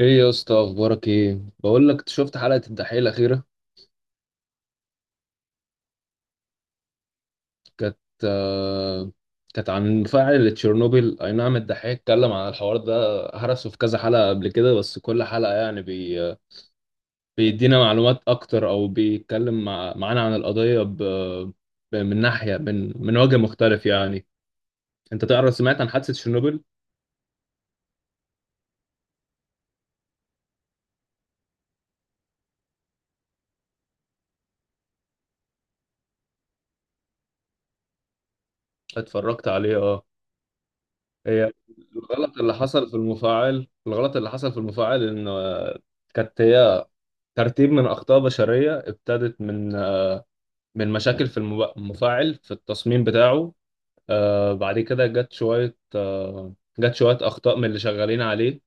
ايه يا اسطى، اخبارك؟ ايه، بقول لك شفت حلقه الدحيح الاخيره؟ كانت آه كانت عن فاعل تشيرنوبيل. اي نعم، الدحيح اتكلم عن الحوار ده هرسه في كذا حلقه قبل كده، بس كل حلقه يعني بيدينا معلومات اكتر، او بيتكلم معانا عن القضيه من ناحيه، من وجه مختلف يعني. انت تعرف، سمعت عن حادثه تشيرنوبيل؟ اتفرجت عليه، اه. هي الغلط اللي حصل في المفاعل الغلط اللي حصل في المفاعل ان كانت هي ترتيب من أخطاء بشرية، ابتدت من مشاكل في المفاعل، في التصميم بتاعه. بعد كده جت شوية جت شوية أخطاء من اللي شغالين عليه،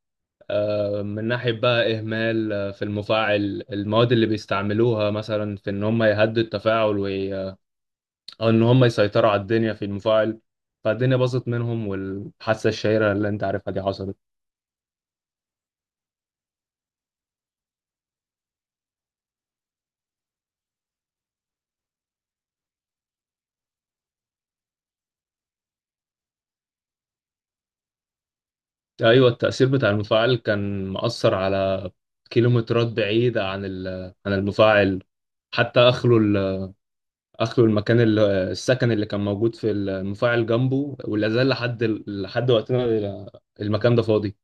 من ناحية بقى إهمال في المفاعل، المواد اللي بيستعملوها مثلا في إن هم يهدوا التفاعل، أو إن هم يسيطروا على الدنيا في المفاعل، فالدنيا باظت منهم، والحادثة الشهيرة اللي أنت عارفها دي حصلت. ايوه، التأثير بتاع المفاعل كان مأثر على كيلومترات بعيدة عن عن المفاعل. حتى اخلوا المكان، السكن اللي كان موجود في المفاعل جنبه، ولا زال لحد لحد وقتنا، المكان ده فاضي.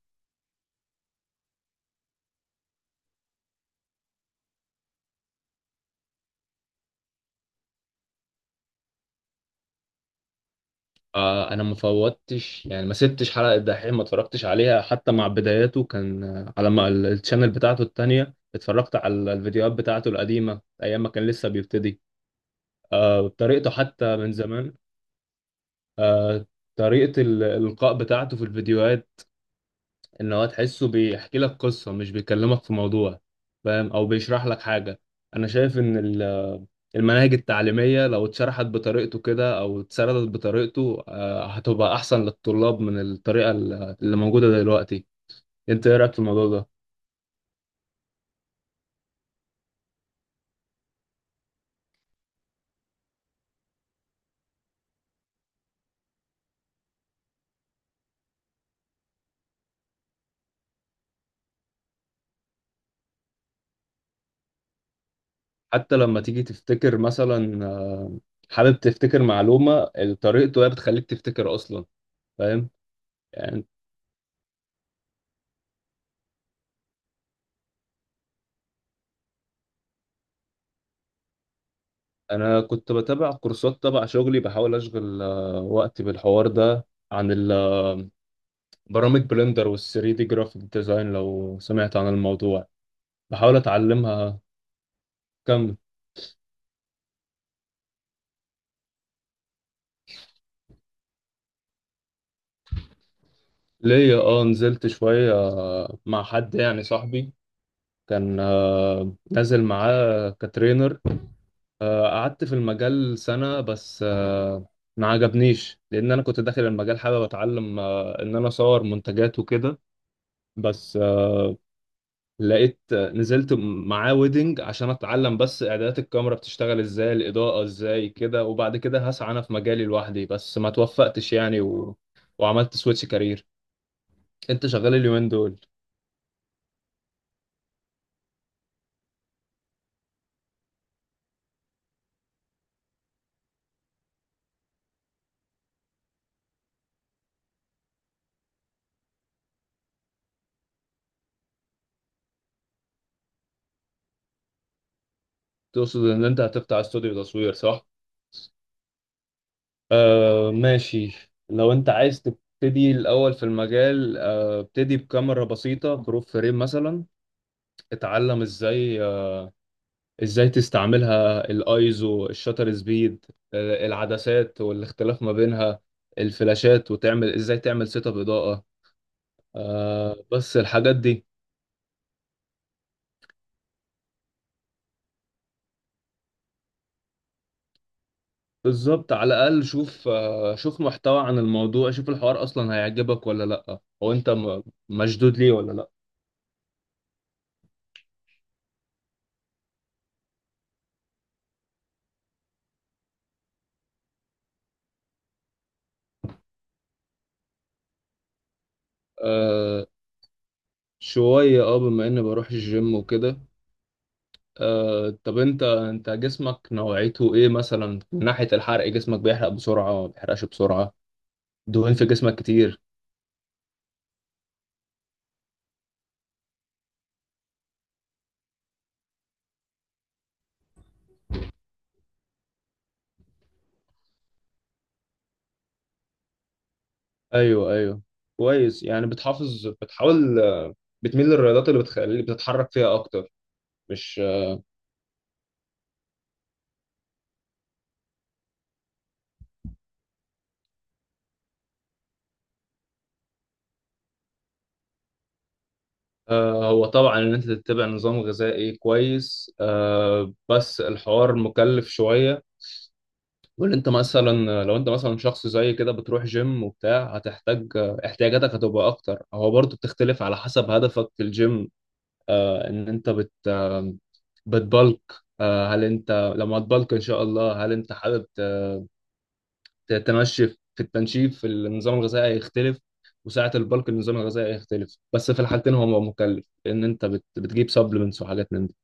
انا ما فوتش يعني، ما سبتش حلقة الدحيح ما اتفرجتش عليها. حتى مع بداياته كان على ما الشانل بتاعته التانية، اتفرجت على الفيديوهات بتاعته القديمة، ايام ما كان لسه بيبتدي. بطريقته حتى من زمان. آه، طريقة الإلقاء بتاعته في الفيديوهات، إن هو تحسه بيحكي لك قصة، مش بيكلمك في موضوع، فاهم؟ أو بيشرح لك حاجة. أنا شايف إن المناهج التعليمية لو اتشرحت بطريقته كده، أو اتسردت بطريقته هتبقى أحسن للطلاب من اللي موجودة دلوقتي. أنت إيه رأيك في الموضوع ده؟ حتى لما تيجي تفتكر مثلا حابب تفتكر معلومة، طريقته هي بتخليك تفتكر أصلا. فاهم؟ يعني انا كنت بتابع كورسات تبع شغلي، بحاول اشغل وقتي بالحوار ده، عن برامج بلندر وال 3 دي جرافيك ديزاين، لو سمعت عن الموضوع بحاول اتعلمها. كم ليا؟ اه، نزلت شوية مع حد يعني صاحبي، كان نازل معاه كترينر. قعدت في المجال سنة بس. ما عجبنيش، لان انا كنت داخل المجال حابب اتعلم ان انا اصور منتجات وكده، بس لقيت نزلت معاه ويدنج عشان اتعلم بس اعدادات الكاميرا بتشتغل ازاي، الاضاءة ازاي كده، وبعد كده هسعى انا في مجالي لوحدي. بس ما توفقتش يعني، وعملت سويتش كارير. انت شغال اليومين دول؟ تقصد ان انت هتفتح استوديو تصوير، صح؟ آه ماشي. لو انت عايز تبتدي الاول في المجال، آه ابتدي بكاميرا بسيطة بروف فريم مثلا. اتعلم ازاي، ازاي تستعملها، الايزو، الشاتر سبيد، العدسات والاختلاف ما بينها، الفلاشات، وتعمل ازاي تعمل سيت اب اضاءة. بس الحاجات دي بالظبط، على الاقل شوف شوف محتوى عن الموضوع، شوف الحوار اصلا هيعجبك ولا لا، هو انت مشدود ليه ولا لا. آه، شوية اه، بما اني بروح الجيم وكده. طب انت جسمك نوعيته ايه مثلا؟ من ناحية الحرق، جسمك بيحرق بسرعة ما بيحرقش بسرعة؟ دهون في جسمك كتير؟ ايوه ايوه، كويس. يعني بتحافظ، بتحاول بتميل للرياضات اللي بتخليك بتتحرك فيها اكتر، مش هو طبعا ان انت تتبع نظام غذائي كويس، بس الحوار مكلف شويه. وان انت مثلا، لو انت مثلا شخص زي كده بتروح جيم وبتاع، هتحتاج احتياجاتك هتبقى اكتر. هو برضه بتختلف على حسب هدفك في الجيم، ان انت بت آه، بتبلك. هل انت لما تبلك ان شاء الله، هل انت حابب تمشي في التنشيف؟ في النظام الغذائي هيختلف، وساعة البلك النظام الغذائي هيختلف. بس في الحالتين هو مكلف، لأن أنت بتجيب سبلمنتس وحاجات من دي.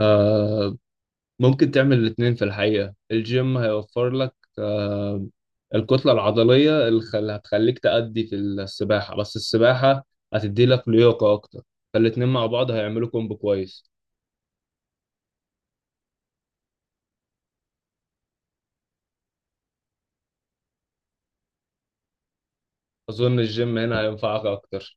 آه ممكن تعمل الاتنين في الحقيقة، الجيم هيوفر لك آه الكتلة العضلية اللي هتخليك تأدي في السباحة، بس السباحة هتدي لك لياقة أكتر. فالاتنين مع بعض هيعملوا كومبو كويس. أظن الجيم هنا هينفعك أكتر.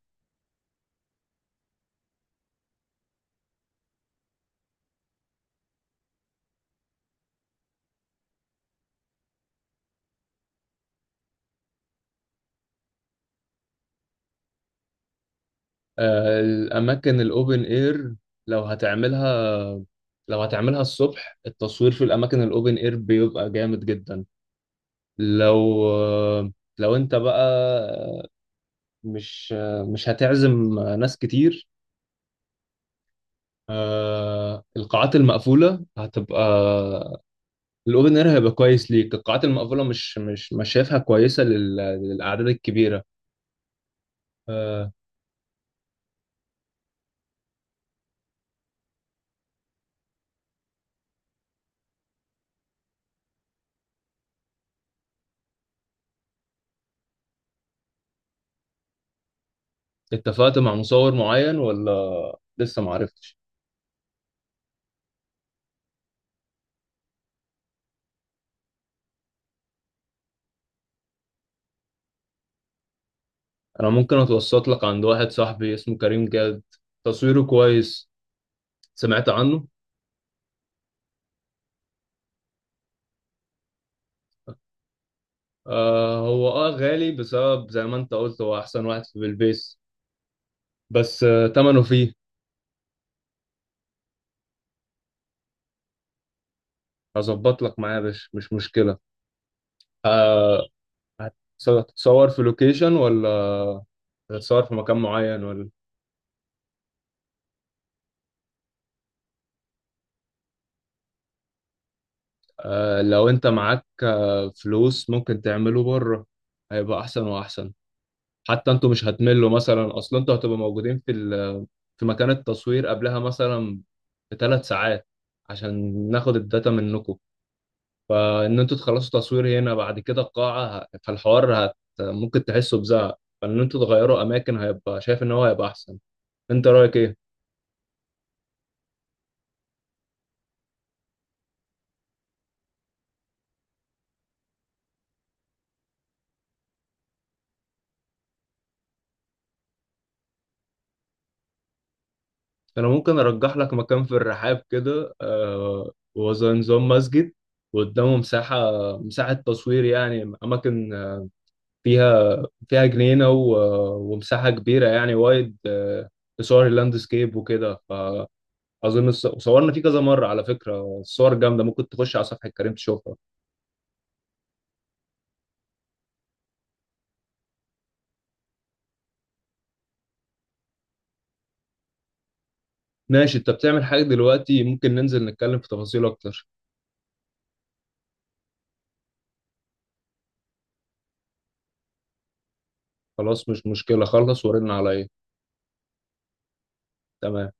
الأماكن الأوبن إير، لو هتعملها، لو هتعملها الصبح التصوير في الأماكن الأوبن إير بيبقى جامد جدا. لو لو أنت بقى آه، مش مش هتعزم ناس كتير، القاعات المقفولة هتبقى، الأوبن إير هيبقى كويس ليك. القاعات المقفولة مش شايفها كويسة للأعداد الكبيرة. آه، اتفقت مع مصور معين ولا لسه معرفتش؟ انا ممكن اتوسط لك عند واحد صاحبي اسمه كريم جاد، تصويره كويس، سمعت عنه؟ آه هو اه غالي بسبب زي ما انت قلت، هو احسن واحد في البيس، بس آه تمنه فيه. هظبط لك معاه يا باشا، مش مشكلة. آه هتتصور في لوكيشن، ولا هتتصور في مكان معين ولا؟ آه لو انت معاك آه فلوس، ممكن تعمله بره، هيبقى احسن واحسن. حتى انتوا مش هتملوا مثلا، اصلا انتوا هتبقوا موجودين في في مكان التصوير قبلها مثلا بثلاث ساعات عشان ناخد الداتا منكم. فان انتوا تخلصوا تصوير هنا بعد كده القاعة ه- فالحوار هت ممكن تحسوا بزهق، فان انتوا تغيروا اماكن هيبقى، شايف ان هو هيبقى احسن. انت رايك ايه؟ انا ممكن ارجح لك مكان في الرحاب كده، آه هو زي نظام مسجد وقدامه مساحة، مساحة تصوير يعني، أماكن فيها، فيها جنينة ومساحة كبيرة يعني وايد لصور اللاندسكيب وكده. فأظن وصورنا فيه كذا مرة، على فكرة الصور جامدة، ممكن تخش على صفحة كريم تشوفها. ماشي، أنت بتعمل حاجة دلوقتي؟ ممكن ننزل نتكلم في تفاصيل أكتر. خلاص مش مشكلة، خلص ورن عليا. تمام.